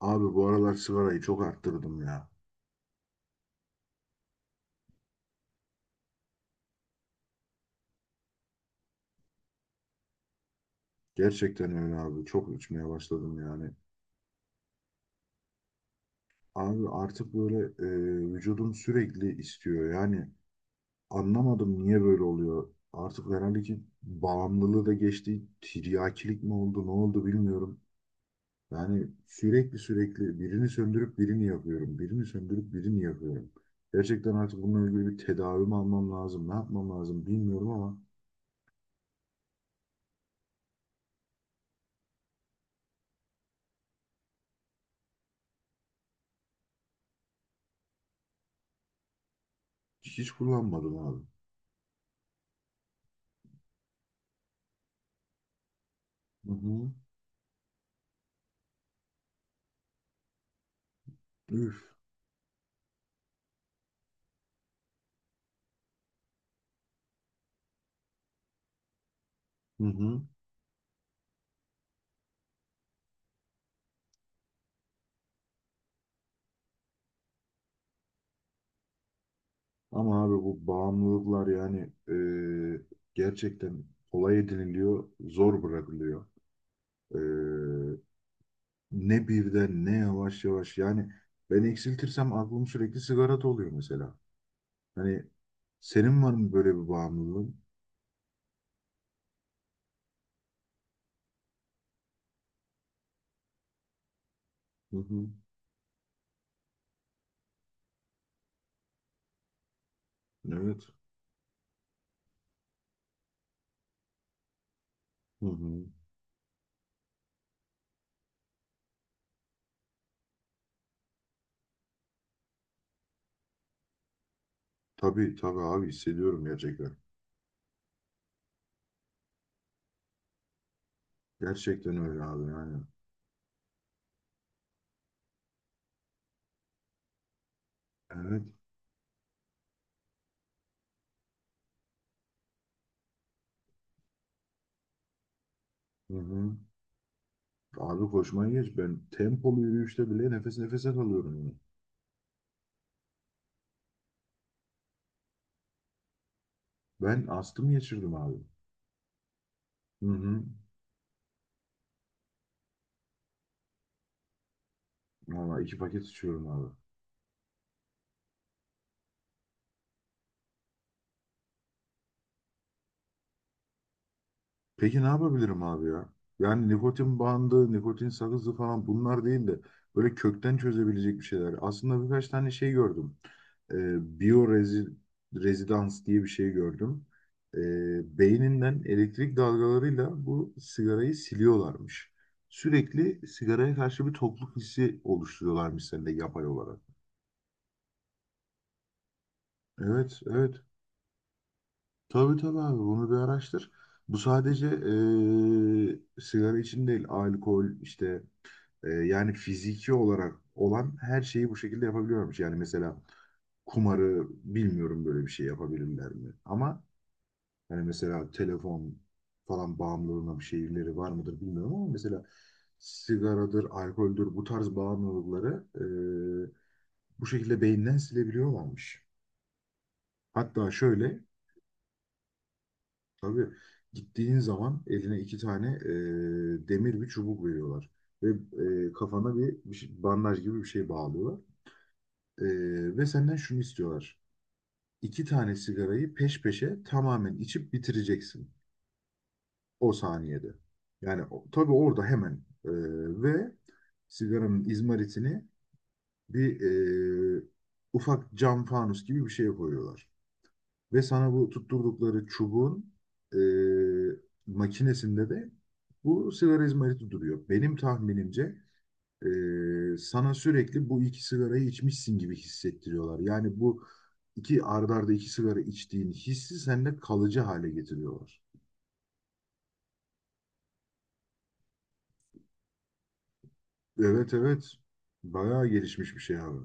Abi bu aralar sigarayı çok arttırdım ya. Gerçekten öyle abi. Çok içmeye başladım yani. Abi artık böyle vücudum sürekli istiyor. Yani anlamadım niye böyle oluyor. Artık herhalde ki bağımlılığı da geçti. Tiryakilik mi oldu, ne oldu bilmiyorum. Yani sürekli sürekli birini söndürüp birini yapıyorum. Birini söndürüp birini yapıyorum. Gerçekten artık bununla ilgili bir tedavi mi almam lazım, ne yapmam lazım bilmiyorum ama hiç kullanmadım abi. Hı hı. Üf. Hı hı. Ama abi bu bağımlılıklar yani e, gerçekten kolay ediniliyor, zor bırakılıyor. E, Ne birden ne yavaş yavaş yani ben eksiltirsem aklım sürekli sigarada oluyor mesela. Hani senin var mı böyle bir bağımlılığın? Hı hı. Evet. Hı hı. Tabii tabii abi hissediyorum gerçekten. Gerçekten öyle abi yani. Evet. Hı hı. Abi koşmayı geç. Ben tempolu yürüyüşte bile nefes nefese kalıyorum, yani. Ben astım geçirdim abi. Hı hı. Valla iki paket içiyorum abi. Peki ne yapabilirim abi ya? Yani nikotin bandı, nikotin sakızı falan bunlar değil de böyle kökten çözebilecek bir şeyler. Aslında birkaç tane şey gördüm. Biyo rezidans diye bir şey gördüm. Beyninden elektrik dalgalarıyla bu sigarayı siliyorlarmış. Sürekli sigaraya karşı bir tokluk hissi oluşturuyorlarmış sende yapay olarak. Evet, evet. Tabii tabii abi bunu bir araştır. Bu sadece sigara için değil, alkol işte yani fiziki olarak olan her şeyi bu şekilde yapabiliyormuş. Yani mesela kumarı bilmiyorum böyle bir şey yapabilirler mi? Ama hani mesela telefon falan bağımlılığına bir şeyleri var mıdır bilmiyorum ama mesela sigaradır, alkoldür bu tarz bağımlılıkları e, bu şekilde beyinden silebiliyorlarmış. Hatta şöyle. Tabii gittiğin zaman eline iki tane demir bir çubuk veriyorlar. Ve kafana bir bandaj gibi bir şey bağlıyorlar. E, Ve senden şunu istiyorlar. İki tane sigarayı peş peşe tamamen içip bitireceksin. O saniyede. Yani tabii orada hemen. e, Ve sigaranın izmaritini bir e, ufak cam fanus gibi bir şeye koyuyorlar. Ve sana bu tutturdukları çubuğun e, makinesinde de bu sigara izmariti duruyor. Benim tahminimce sana sürekli bu iki sigarayı içmişsin gibi hissettiriyorlar. Yani bu iki art arda iki sigara içtiğin hissi sende kalıcı hale getiriyorlar. Evet evet, bayağı gelişmiş bir şey abi.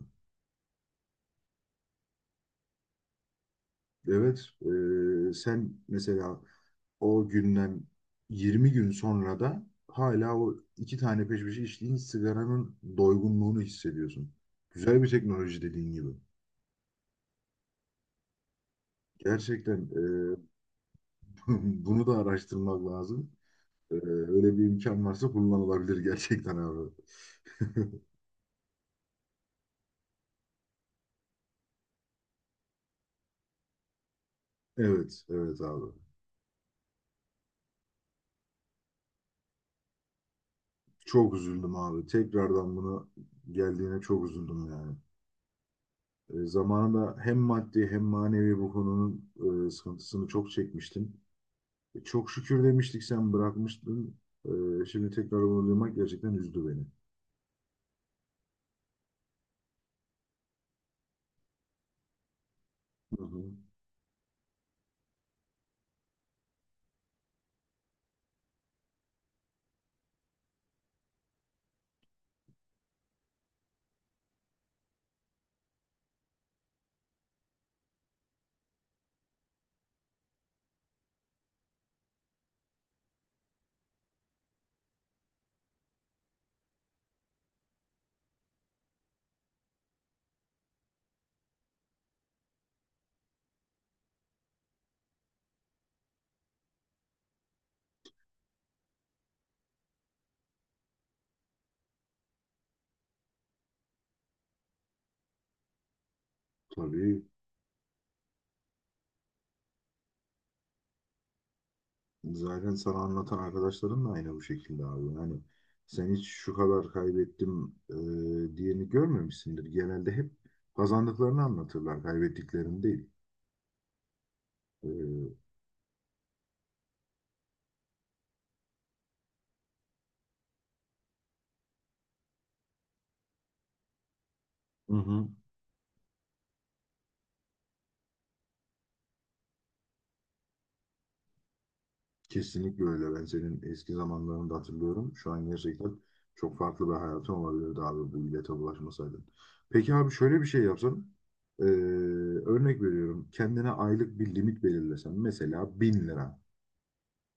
Evet. Sen mesela o günden 20 gün sonra da hala o iki tane peş peşe içtiğin sigaranın doygunluğunu hissediyorsun. Güzel bir teknoloji dediğin gibi. Gerçekten. Bunu da araştırmak lazım. Öyle bir imkan varsa kullanılabilir gerçekten abi. Evet, evet abi. Çok üzüldüm abi. Tekrardan bunu geldiğine çok üzüldüm yani. Zamanında hem maddi hem manevi bu konunun sıkıntısını çok çekmiştim. Çok şükür demiştik sen bırakmıştın. Şimdi tekrar onu duymak gerçekten üzdü beni. Hı hı. Tabii zaten sana anlatan arkadaşların da aynı bu şekilde abi. Hani sen hiç şu kadar kaybettim diyeni görmemişsindir. Genelde hep kazandıklarını anlatırlar, kaybettiklerini değil. Ee, hı hı. Kesinlikle öyle. Ben senin eski zamanlarını da hatırlıyorum. Şu an gerçekten çok farklı bir hayatın olabilirdi abi bu illete bulaşmasaydın. Peki abi şöyle bir şey yapsan. Ee, Örnek veriyorum. Kendine aylık bir limit belirlesen. Mesela 1000 lira.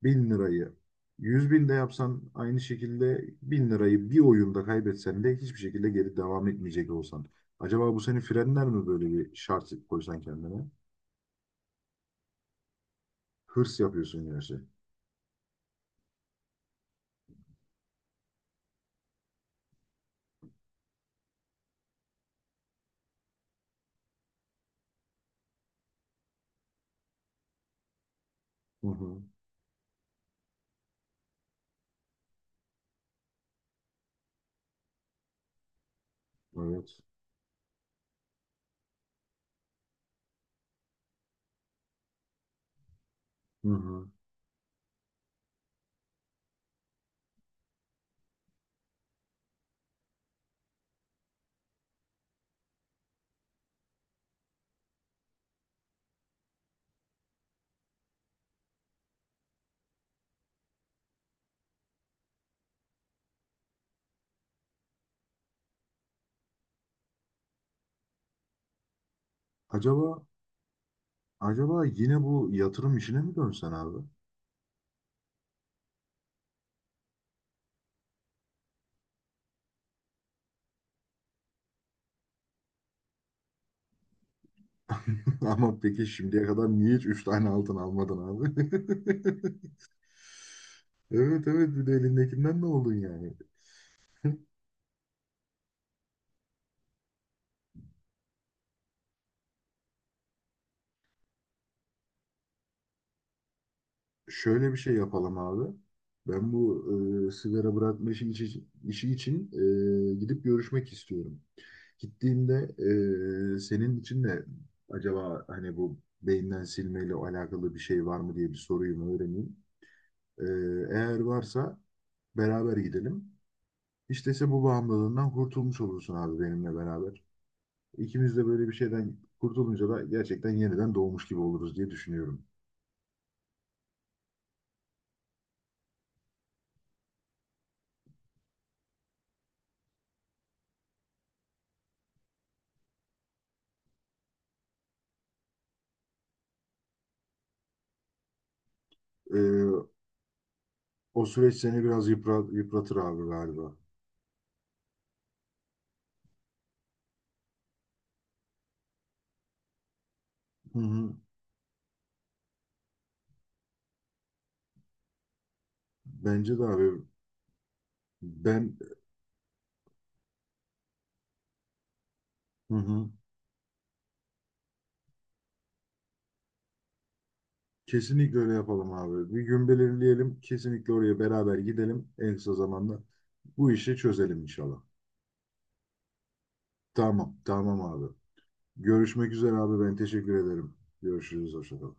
Bin lirayı 100 binde yapsan aynı şekilde 1000 lirayı bir oyunda kaybetsen de hiçbir şekilde geri devam etmeyecek olsan. Acaba bu seni frenler mi böyle bir şart koysan kendine? Hırs yapıyorsun gerçi. Hı hı. Evet. Hı hı. Acaba Acaba yine bu yatırım işine mi dönsen abi? Ama peki şimdiye kadar niye hiç 3 tane altın almadın abi? Evet evet, bir de elindekinden ne oldun yani? Şöyle bir şey yapalım abi. Ben bu sigara bırakma işi için gidip görüşmek istiyorum. Gittiğimde senin için de acaba hani bu beyinden silmeyle alakalı bir şey var mı diye bir sorayım öğreneyim. E, Eğer varsa beraber gidelim. İşte bu bağımlılığından kurtulmuş olursun abi benimle beraber. İkimiz de böyle bir şeyden kurtulunca da gerçekten yeniden doğmuş gibi oluruz diye düşünüyorum. Ee, O süreç seni biraz yıpratır abi galiba. Hı hı. Bence de abi, ben. Hı hı. Kesinlikle öyle yapalım abi. Bir gün belirleyelim. Kesinlikle oraya beraber gidelim. En kısa zamanda bu işi çözelim inşallah. Tamam, tamam abi. Görüşmek üzere abi. Ben teşekkür ederim. Görüşürüz. Hoşça kal.